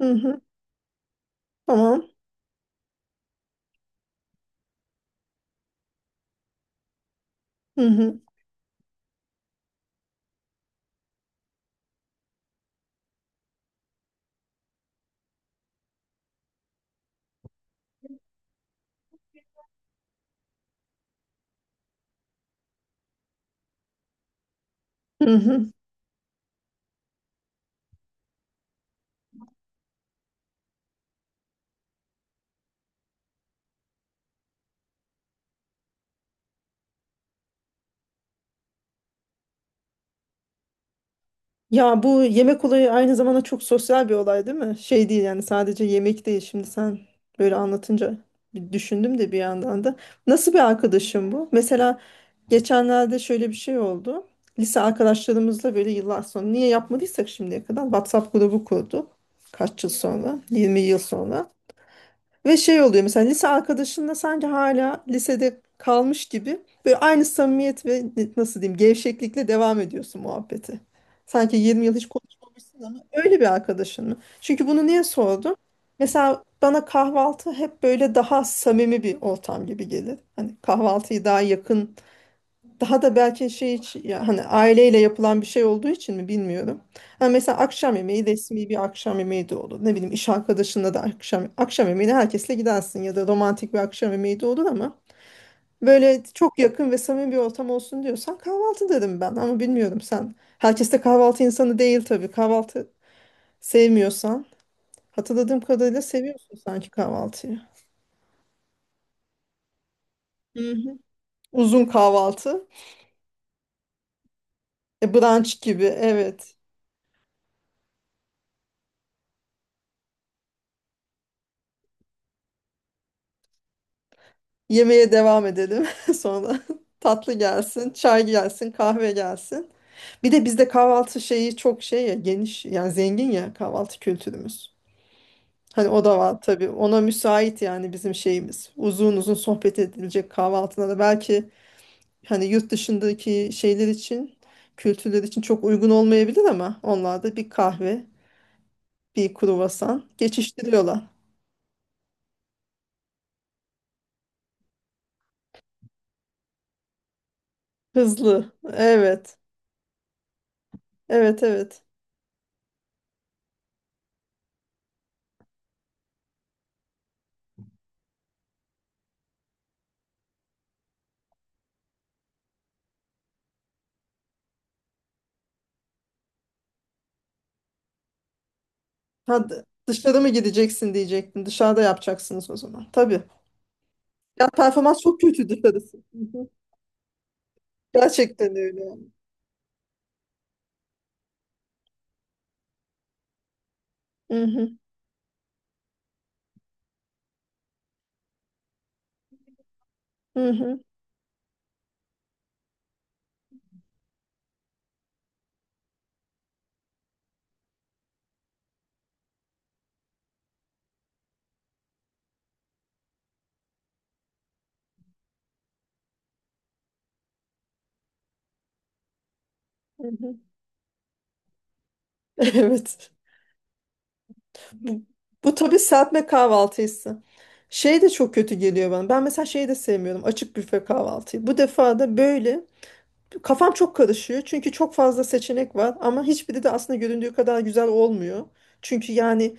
Hı hı, tamam. Hı hı, hı hı. Ya bu yemek olayı aynı zamanda çok sosyal bir olay değil mi? Şey değil yani sadece yemek değil. Şimdi sen böyle anlatınca bir düşündüm de bir yandan da. Nasıl bir arkadaşım bu? Mesela geçenlerde şöyle bir şey oldu. Lise arkadaşlarımızla böyle yıllar sonra niye yapmadıysak şimdiye kadar WhatsApp grubu kurduk. Kaç yıl sonra? 20 yıl sonra. Ve şey oluyor mesela lise arkadaşınla sanki hala lisede kalmış gibi böyle aynı samimiyet ve nasıl diyeyim gevşeklikle devam ediyorsun muhabbete. Sanki 20 yıl hiç konuşmamışsın ama öyle bir arkadaşın mı? Çünkü bunu niye sordum? Mesela bana kahvaltı hep böyle daha samimi bir ortam gibi gelir. Hani kahvaltıyı daha yakın daha da belki şey için ya hani aileyle yapılan bir şey olduğu için mi bilmiyorum. Ha mesela akşam yemeği resmi bir akşam yemeği de olur. Ne bileyim iş arkadaşınla da akşam akşam yemeğine herkesle gidersin ya da romantik bir akşam yemeği de olur ama böyle çok yakın ve samimi bir ortam olsun diyorsan kahvaltı derim ben ama bilmiyorum sen. Herkes de kahvaltı insanı değil tabii. Kahvaltı sevmiyorsan hatırladığım kadarıyla seviyorsun sanki kahvaltıyı. Hı hı. Uzun kahvaltı. Brunch gibi evet. Yemeğe devam edelim sonra. Tatlı gelsin, çay gelsin, kahve gelsin. Bir de bizde kahvaltı şeyi çok şey ya geniş yani zengin ya kahvaltı kültürümüz. Hani o da var tabii. Ona müsait yani bizim şeyimiz. Uzun uzun sohbet edilecek kahvaltılara. Belki hani yurt dışındaki şeyler için, kültürler için çok uygun olmayabilir ama onlar da bir kahve, bir kruvasan geçiştiriyorlar. Hızlı. Evet. Evet, evet. Ha, dışarı mı gideceksin diyecektim. Dışarıda yapacaksınız o zaman. Tabii. Ya performans çok kötü dışarısı. Hı hı. Gerçekten öyle yani. Hı hı, hı hı, hı hı. Evet. Bu, bu tabii serpme kahvaltıysa. Şey de çok kötü geliyor bana. Ben mesela şeyi de sevmiyorum. Açık büfe kahvaltıyı. Bu defa da böyle kafam çok karışıyor. Çünkü çok fazla seçenek var ama hiçbiri de aslında göründüğü kadar güzel olmuyor. Çünkü yani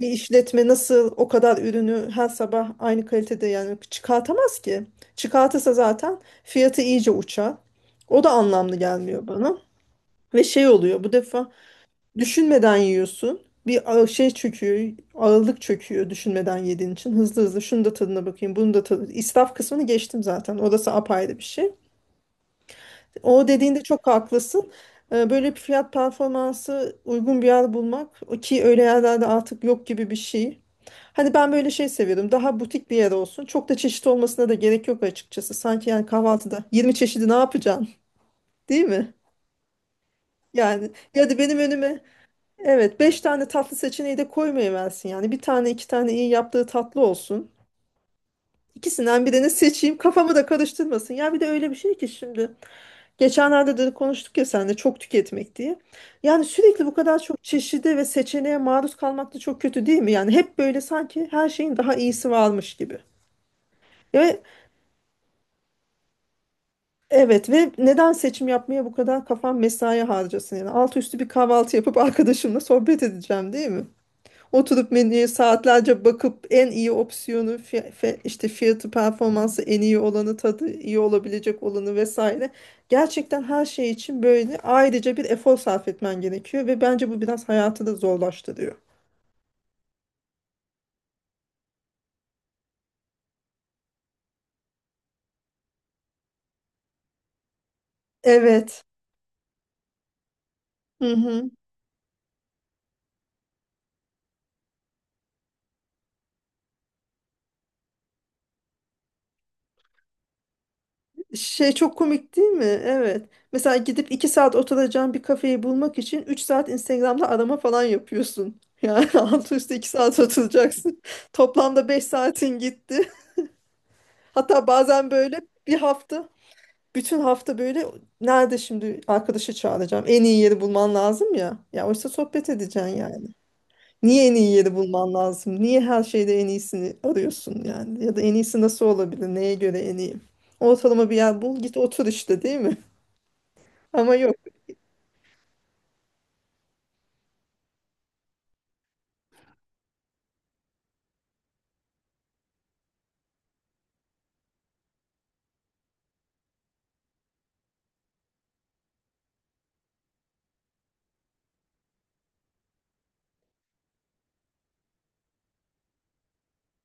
bir işletme nasıl o kadar ürünü her sabah aynı kalitede yani çıkartamaz ki. Çıkartırsa zaten fiyatı iyice uçar. O da anlamlı gelmiyor bana. Ve şey oluyor bu defa düşünmeden yiyorsun. Şey çöküyor, ağırlık çöküyor düşünmeden yediğin için. Hızlı hızlı şunu da tadına bakayım, bunu da tadına. İsraf kısmını geçtim zaten. Orası apayrı bir şey. O dediğinde çok haklısın. Böyle bir fiyat performansı uygun bir yer bulmak ki öyle yerlerde artık yok gibi bir şey. Hani ben böyle şey seviyorum. Daha butik bir yer olsun. Çok da çeşit olmasına da gerek yok açıkçası. Sanki yani kahvaltıda 20 çeşidi ne yapacaksın? Değil mi? Yani ya da benim önüme evet 5 tane tatlı seçeneği de koymayıversin yani. Bir tane iki tane iyi yaptığı tatlı olsun. İkisinden birini seçeyim kafamı da karıştırmasın. Ya bir de öyle bir şey ki şimdi. Geçenlerde de konuştuk ya sen de çok tüketmek diye. Yani sürekli bu kadar çok çeşide ve seçeneğe maruz kalmak da çok kötü değil mi? Yani hep böyle sanki her şeyin daha iyisi varmış gibi. Ve evet ve neden seçim yapmaya bu kadar kafam mesai harcasın yani alt üstü bir kahvaltı yapıp arkadaşımla sohbet edeceğim değil mi? Oturup menüye saatlerce bakıp en iyi opsiyonu işte fiyatı performansı en iyi olanı tadı iyi olabilecek olanı vesaire. Gerçekten her şey için böyle ayrıca bir efor sarf etmen gerekiyor ve bence bu biraz hayatı da zorlaştırıyor. Evet. Hı hı. Şey çok komik değil mi? Evet. Mesela gidip iki saat oturacağın bir kafeyi bulmak için üç saat Instagram'da arama falan yapıyorsun. Yani altı üstü iki saat oturacaksın. Toplamda beş saatin gitti. Hatta bazen böyle bir hafta, bütün hafta böyle nerede şimdi arkadaşı çağıracağım. En iyi yeri bulman lazım ya. Ya oysa sohbet edeceksin yani. Niye en iyi yeri bulman lazım? Niye her şeyde en iyisini arıyorsun yani? Ya da en iyisi nasıl olabilir? Neye göre en iyi? Ortalama bir yer bul, git otur işte değil mi? Ama yok.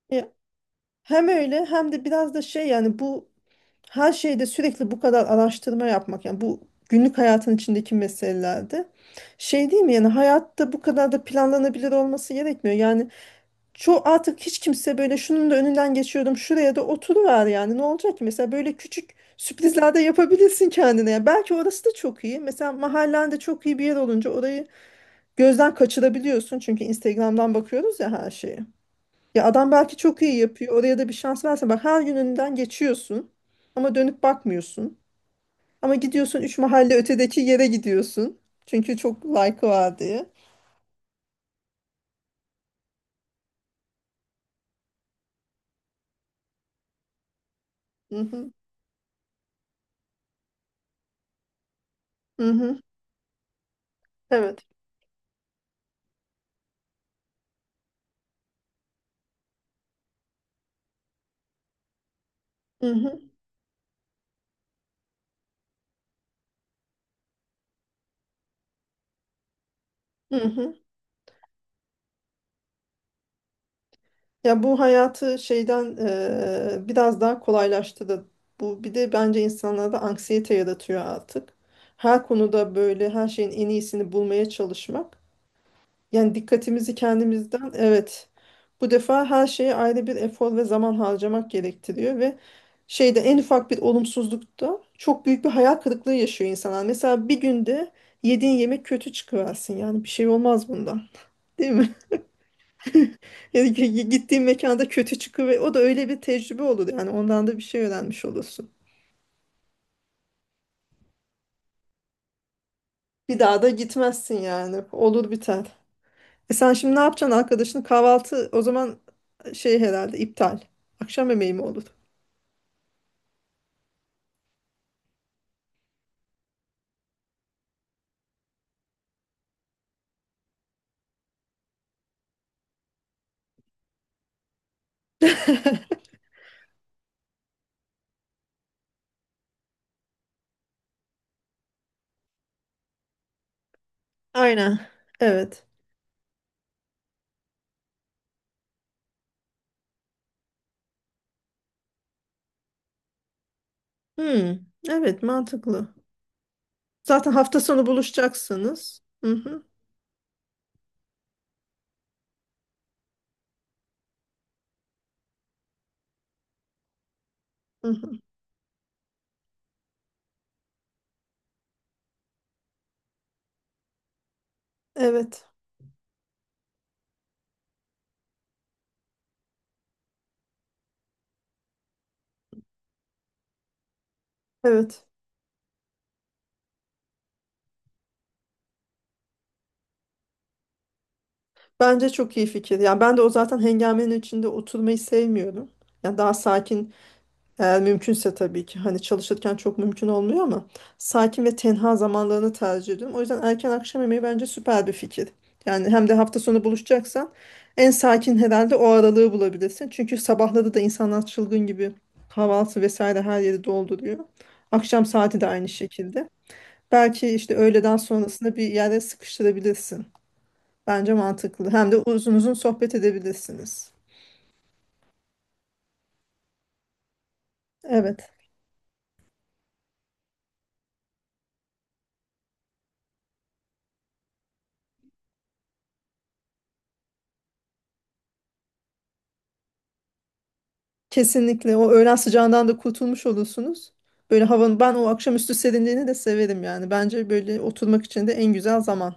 Ya, hem öyle hem de biraz da şey yani bu her şeyde sürekli bu kadar araştırma yapmak yani bu günlük hayatın içindeki meselelerde şey değil mi yani hayatta bu kadar da planlanabilir olması gerekmiyor. Yani çoğu artık hiç kimse böyle şunun da önünden geçiyordum şuraya da oturuver yani ne olacak ki mesela böyle küçük sürprizler de yapabilirsin kendine. Yani belki orası da çok iyi. Mesela mahallende çok iyi bir yer olunca orayı gözden kaçırabiliyorsun çünkü Instagram'dan bakıyoruz ya her şeye. Ya adam belki çok iyi yapıyor. Oraya da bir şans verse bak her gün önünden geçiyorsun ama dönüp bakmıyorsun. Ama gidiyorsun üç mahalle ötedeki yere gidiyorsun. Çünkü çok like'ı var diye. Hı hı. Hı hı. Evet. Hı hı. Hı hı. Ya bu hayatı şeyden biraz daha kolaylaştırdı. Bu bir de bence insanlarda anksiyete yaratıyor artık. Her konuda böyle her şeyin en iyisini bulmaya çalışmak. Yani dikkatimizi kendimizden evet bu defa her şeye ayrı bir efor ve zaman harcamak gerektiriyor ve şeyde en ufak bir olumsuzlukta çok büyük bir hayal kırıklığı yaşıyor insanlar. Mesela bir günde yediğin yemek kötü çıkıversin yani bir şey olmaz bundan değil mi? Yani gittiğin mekanda kötü çıkı ve o da öyle bir tecrübe olur yani ondan da bir şey öğrenmiş olursun. Bir daha da gitmezsin yani olur biter. E sen şimdi ne yapacaksın arkadaşın kahvaltı o zaman şey herhalde iptal. Akşam yemeği mi olur? Aynen. Evet. Hmm, evet mantıklı. Zaten hafta sonu buluşacaksınız. Hı hı, hı hı. Evet. Evet. Bence çok iyi fikir. Yani ben de o zaten hengamenin içinde oturmayı sevmiyorum. Yani daha sakin. Eğer mümkünse tabii ki hani çalışırken çok mümkün olmuyor ama sakin ve tenha zamanlarını tercih ediyorum. O yüzden erken akşam yemeği bence süper bir fikir. Yani hem de hafta sonu buluşacaksan en sakin herhalde o aralığı bulabilirsin. Çünkü sabahları da insanlar çılgın gibi kahvaltı vesaire her yeri dolduruyor. Akşam saati de aynı şekilde. Belki işte öğleden sonrasında bir yere sıkıştırabilirsin. Bence mantıklı. Hem de uzun uzun sohbet edebilirsiniz. Evet. Kesinlikle o öğlen sıcağından da kurtulmuş olursunuz. Böyle havanın ben o akşamüstü serinliğini de severim yani. Bence böyle oturmak için de en güzel zaman.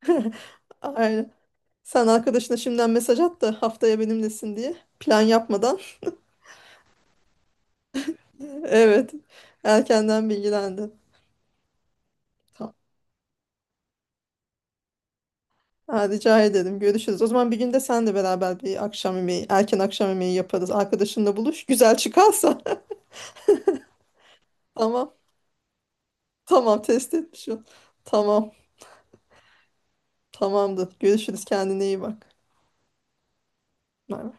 Aynen. Sen arkadaşına şimdiden mesaj at da haftaya benimlesin diye. Plan yapmadan. Evet. Erkenden bilgilendi. Tamam. Ha, rica ederim. Görüşürüz. O zaman bir günde sen de beraber bir akşam yemeği, erken akşam yemeği yaparız. Arkadaşınla buluş. Güzel çıkarsa. Tamam. Tamam. Test etmiş ol. Tamam. Tamamdır. Görüşürüz. Kendine iyi bak. Bay bay.